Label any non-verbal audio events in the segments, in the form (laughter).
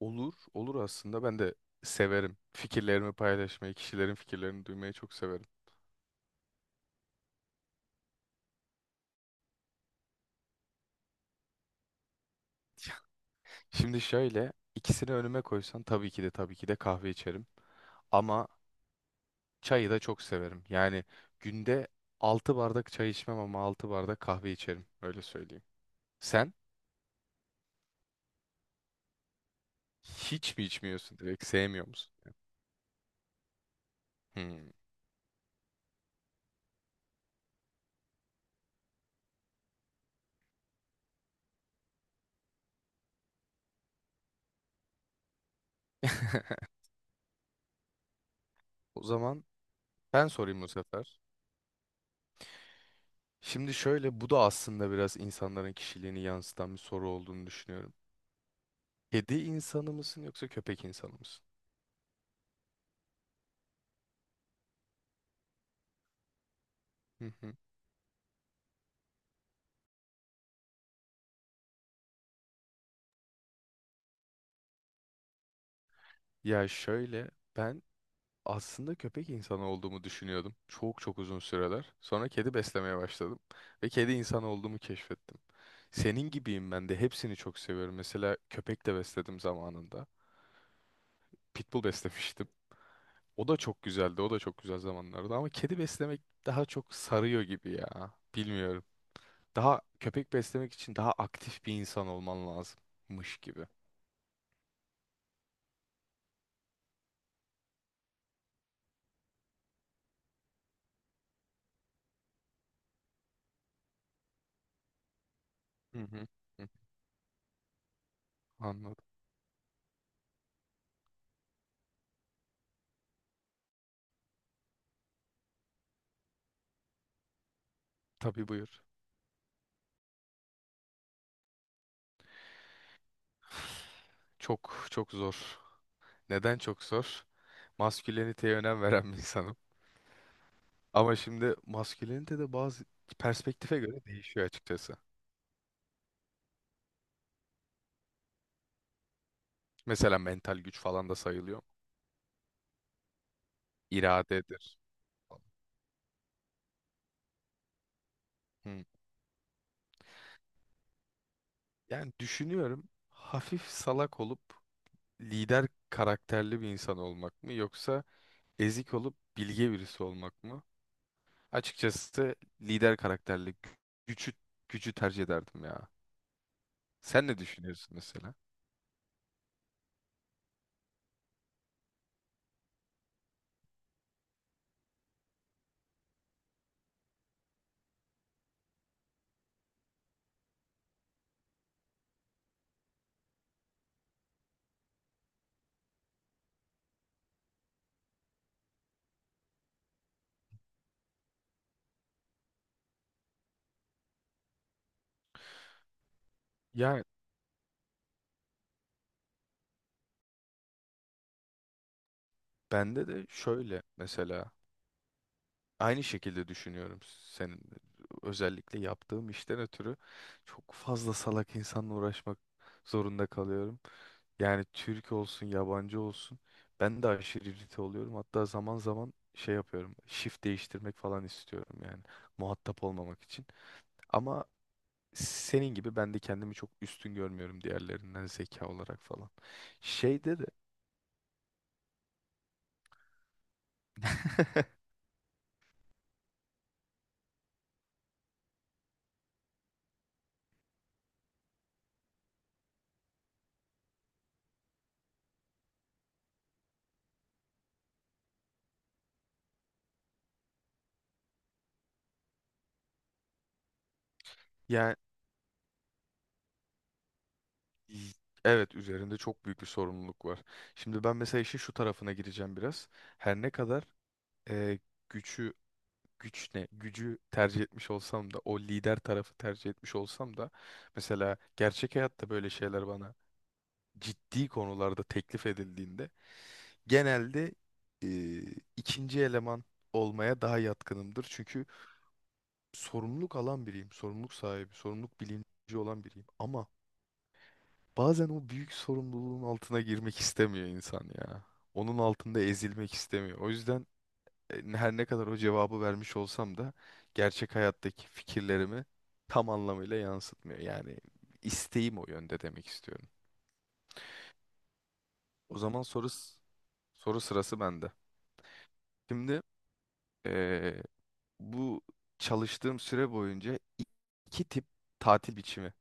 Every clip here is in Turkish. Olur, olur aslında. Ben de severim. Fikirlerimi paylaşmayı, kişilerin fikirlerini duymayı çok severim. Şimdi şöyle, ikisini önüme koysan tabii ki de kahve içerim. Ama çayı da çok severim. Yani günde 6 bardak çay içmem ama 6 bardak kahve içerim. Öyle söyleyeyim. Sen hiç mi içmiyorsun direkt? Sevmiyor musun? Hmm. (laughs) O zaman ben sorayım bu sefer. Şimdi şöyle, bu da aslında biraz insanların kişiliğini yansıtan bir soru olduğunu düşünüyorum. Kedi insanı mısın yoksa köpek insanı mısın? Hı hı. Ya şöyle ben aslında köpek insanı olduğumu düşünüyordum. Çok çok uzun süreler. Sonra kedi beslemeye başladım ve kedi insanı olduğumu keşfettim. Senin gibiyim, ben de hepsini çok seviyorum. Mesela köpek de besledim zamanında. Pitbull beslemiştim. O da çok güzeldi. O da çok güzel zamanlardı ama kedi beslemek daha çok sarıyor gibi ya. Bilmiyorum. Daha köpek beslemek için daha aktif bir insan olman lazımmış gibi. Hı hı. Hı. Anladım. Tabii, buyur. Çok çok zor. Neden çok zor? Masküleniteye önem veren bir insanım. Ama şimdi maskülenite de bazı perspektife göre değişiyor açıkçası. Mesela mental güç falan da sayılıyor. İradedir. Hı. Yani düşünüyorum, hafif salak olup lider karakterli bir insan olmak mı, yoksa ezik olup bilge birisi olmak mı? Açıkçası lider karakterli gücü gücü tercih ederdim ya. Sen ne düşünüyorsun mesela? Ya, bende de şöyle mesela aynı şekilde düşünüyorum senin. Özellikle yaptığım işten ötürü çok fazla salak insanla uğraşmak zorunda kalıyorum. Yani Türk olsun, yabancı olsun, ben de aşırı irite oluyorum. Hatta zaman zaman şey yapıyorum, shift değiştirmek falan istiyorum yani, muhatap olmamak için. Ama senin gibi ben de kendimi çok üstün görmüyorum diğerlerinden, zeka olarak falan. Şeyde de (laughs) yani. İ- Evet, üzerinde çok büyük bir sorumluluk var. Şimdi ben mesela işin şu tarafına gireceğim biraz. Her ne kadar e, gücü güç ne gücü tercih etmiş olsam da, o lider tarafı tercih etmiş olsam da, mesela gerçek hayatta böyle şeyler bana ciddi konularda teklif edildiğinde genelde e, ikinci eleman olmaya daha yatkınımdır. Çünkü sorumluluk alan biriyim, sorumluluk sahibi, sorumluluk bilinci olan biriyim. Ama bazen o büyük sorumluluğun altına girmek istemiyor insan ya. Onun altında ezilmek istemiyor. O yüzden her ne kadar o cevabı vermiş olsam da gerçek hayattaki fikirlerimi tam anlamıyla yansıtmıyor. Yani isteğim o yönde demek istiyorum. O zaman soru sırası bende. Şimdi e, bu çalıştığım süre boyunca iki tip tatil biçimi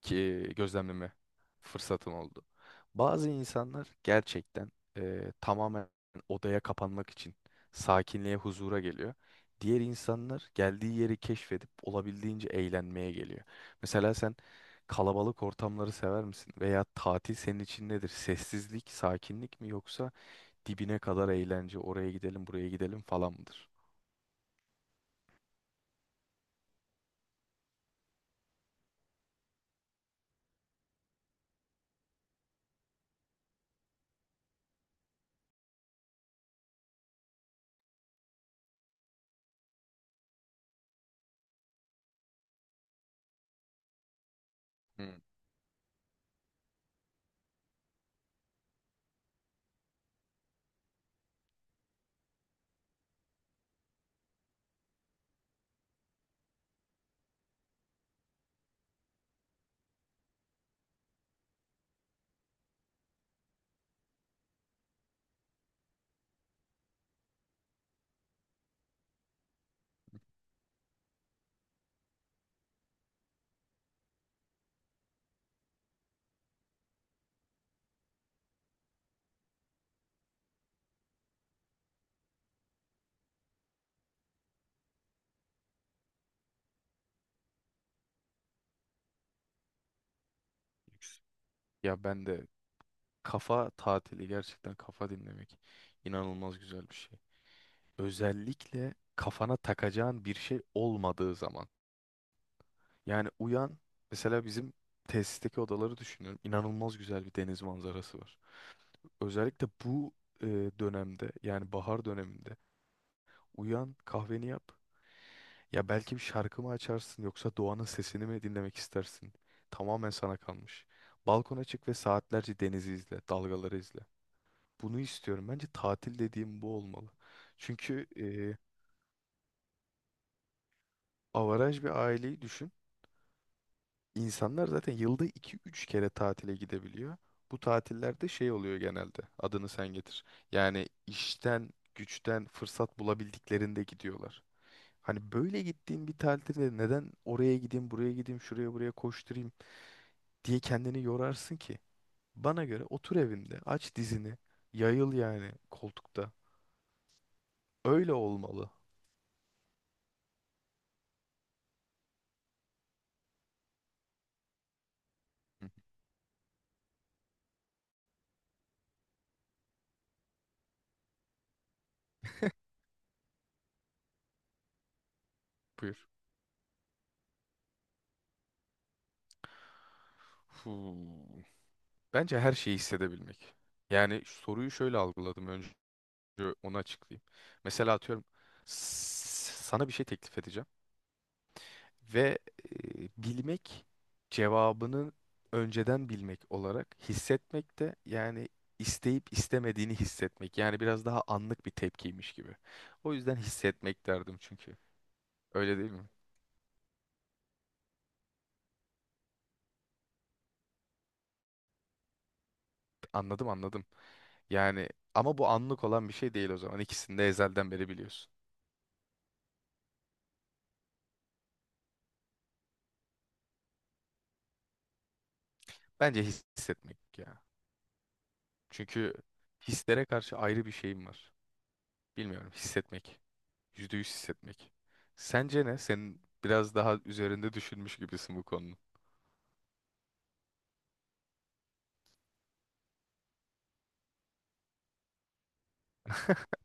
ki gözlemleme fırsatım oldu. Bazı insanlar gerçekten tamamen odaya kapanmak için sakinliğe, huzura geliyor. Diğer insanlar geldiği yeri keşfedip olabildiğince eğlenmeye geliyor. Mesela sen kalabalık ortamları sever misin? Veya tatil senin için nedir? Sessizlik, sakinlik mi, yoksa dibine kadar eğlence, oraya gidelim, buraya gidelim falan mıdır? Hmm. Ya ben de kafa tatili, gerçekten kafa dinlemek inanılmaz güzel bir şey. Özellikle kafana takacağın bir şey olmadığı zaman. Yani uyan, mesela bizim tesisteki odaları düşünüyorum. İnanılmaz güzel bir deniz manzarası var. Özellikle bu e, dönemde, yani bahar döneminde, uyan kahveni yap. Ya belki bir şarkı mı açarsın, yoksa doğanın sesini mi dinlemek istersin? Tamamen sana kalmış. Balkona çık ve saatlerce denizi izle, dalgaları izle. Bunu istiyorum. Bence tatil dediğim bu olmalı. Çünkü avaraj bir aileyi düşün. İnsanlar zaten yılda iki üç kere tatile gidebiliyor. Bu tatillerde şey oluyor genelde. Adını sen getir. Yani işten, güçten fırsat bulabildiklerinde gidiyorlar. Hani böyle gittiğin bir tatilde, neden oraya gideyim, buraya gideyim, şuraya buraya koşturayım diye kendini yorarsın ki? Bana göre otur evinde, aç dizini, yayıl yani koltukta. Öyle olmalı. Hı, buyur. Hmm. Bence her şeyi hissedebilmek. Yani soruyu şöyle algıladım. Yo, onu açıklayayım. Mesela atıyorum, sana bir şey teklif edeceğim ve bilmek cevabını önceden bilmek olarak, hissetmek de yani isteyip istemediğini hissetmek. Yani biraz daha anlık bir tepkiymiş gibi. O yüzden hissetmek derdim çünkü. Öyle değil mi? Anladım, anladım. Yani ama bu anlık olan bir şey değil o zaman. İkisini de ezelden beri biliyorsun. Bence hissetmek ya. Çünkü hislere karşı ayrı bir şeyim var. Bilmiyorum, hissetmek. %100 hissetmek. Sence ne? Senin biraz daha üzerinde düşünmüş gibisin bu konunun. (laughs)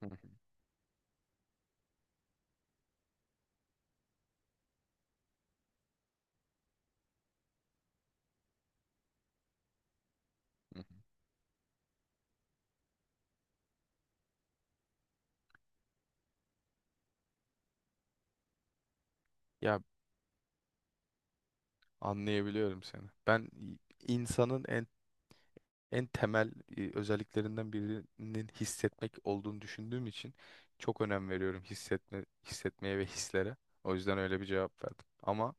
Hı hı, hı hı. Ya, anlayabiliyorum seni. Ben insanın en temel özelliklerinden birinin hissetmek olduğunu düşündüğüm için çok önem veriyorum hissetmeye ve hislere. O yüzden öyle bir cevap verdim. Ama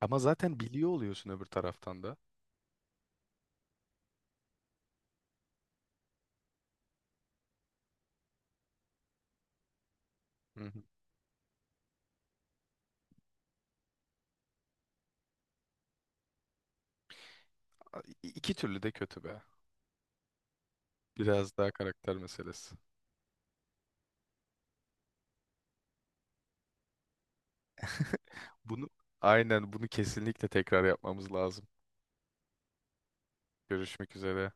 ama zaten biliyor oluyorsun öbür taraftan da. Hı hı. İki türlü de kötü be. Biraz daha karakter meselesi. (laughs) Bunu aynen bunu kesinlikle tekrar yapmamız lazım. Görüşmek üzere.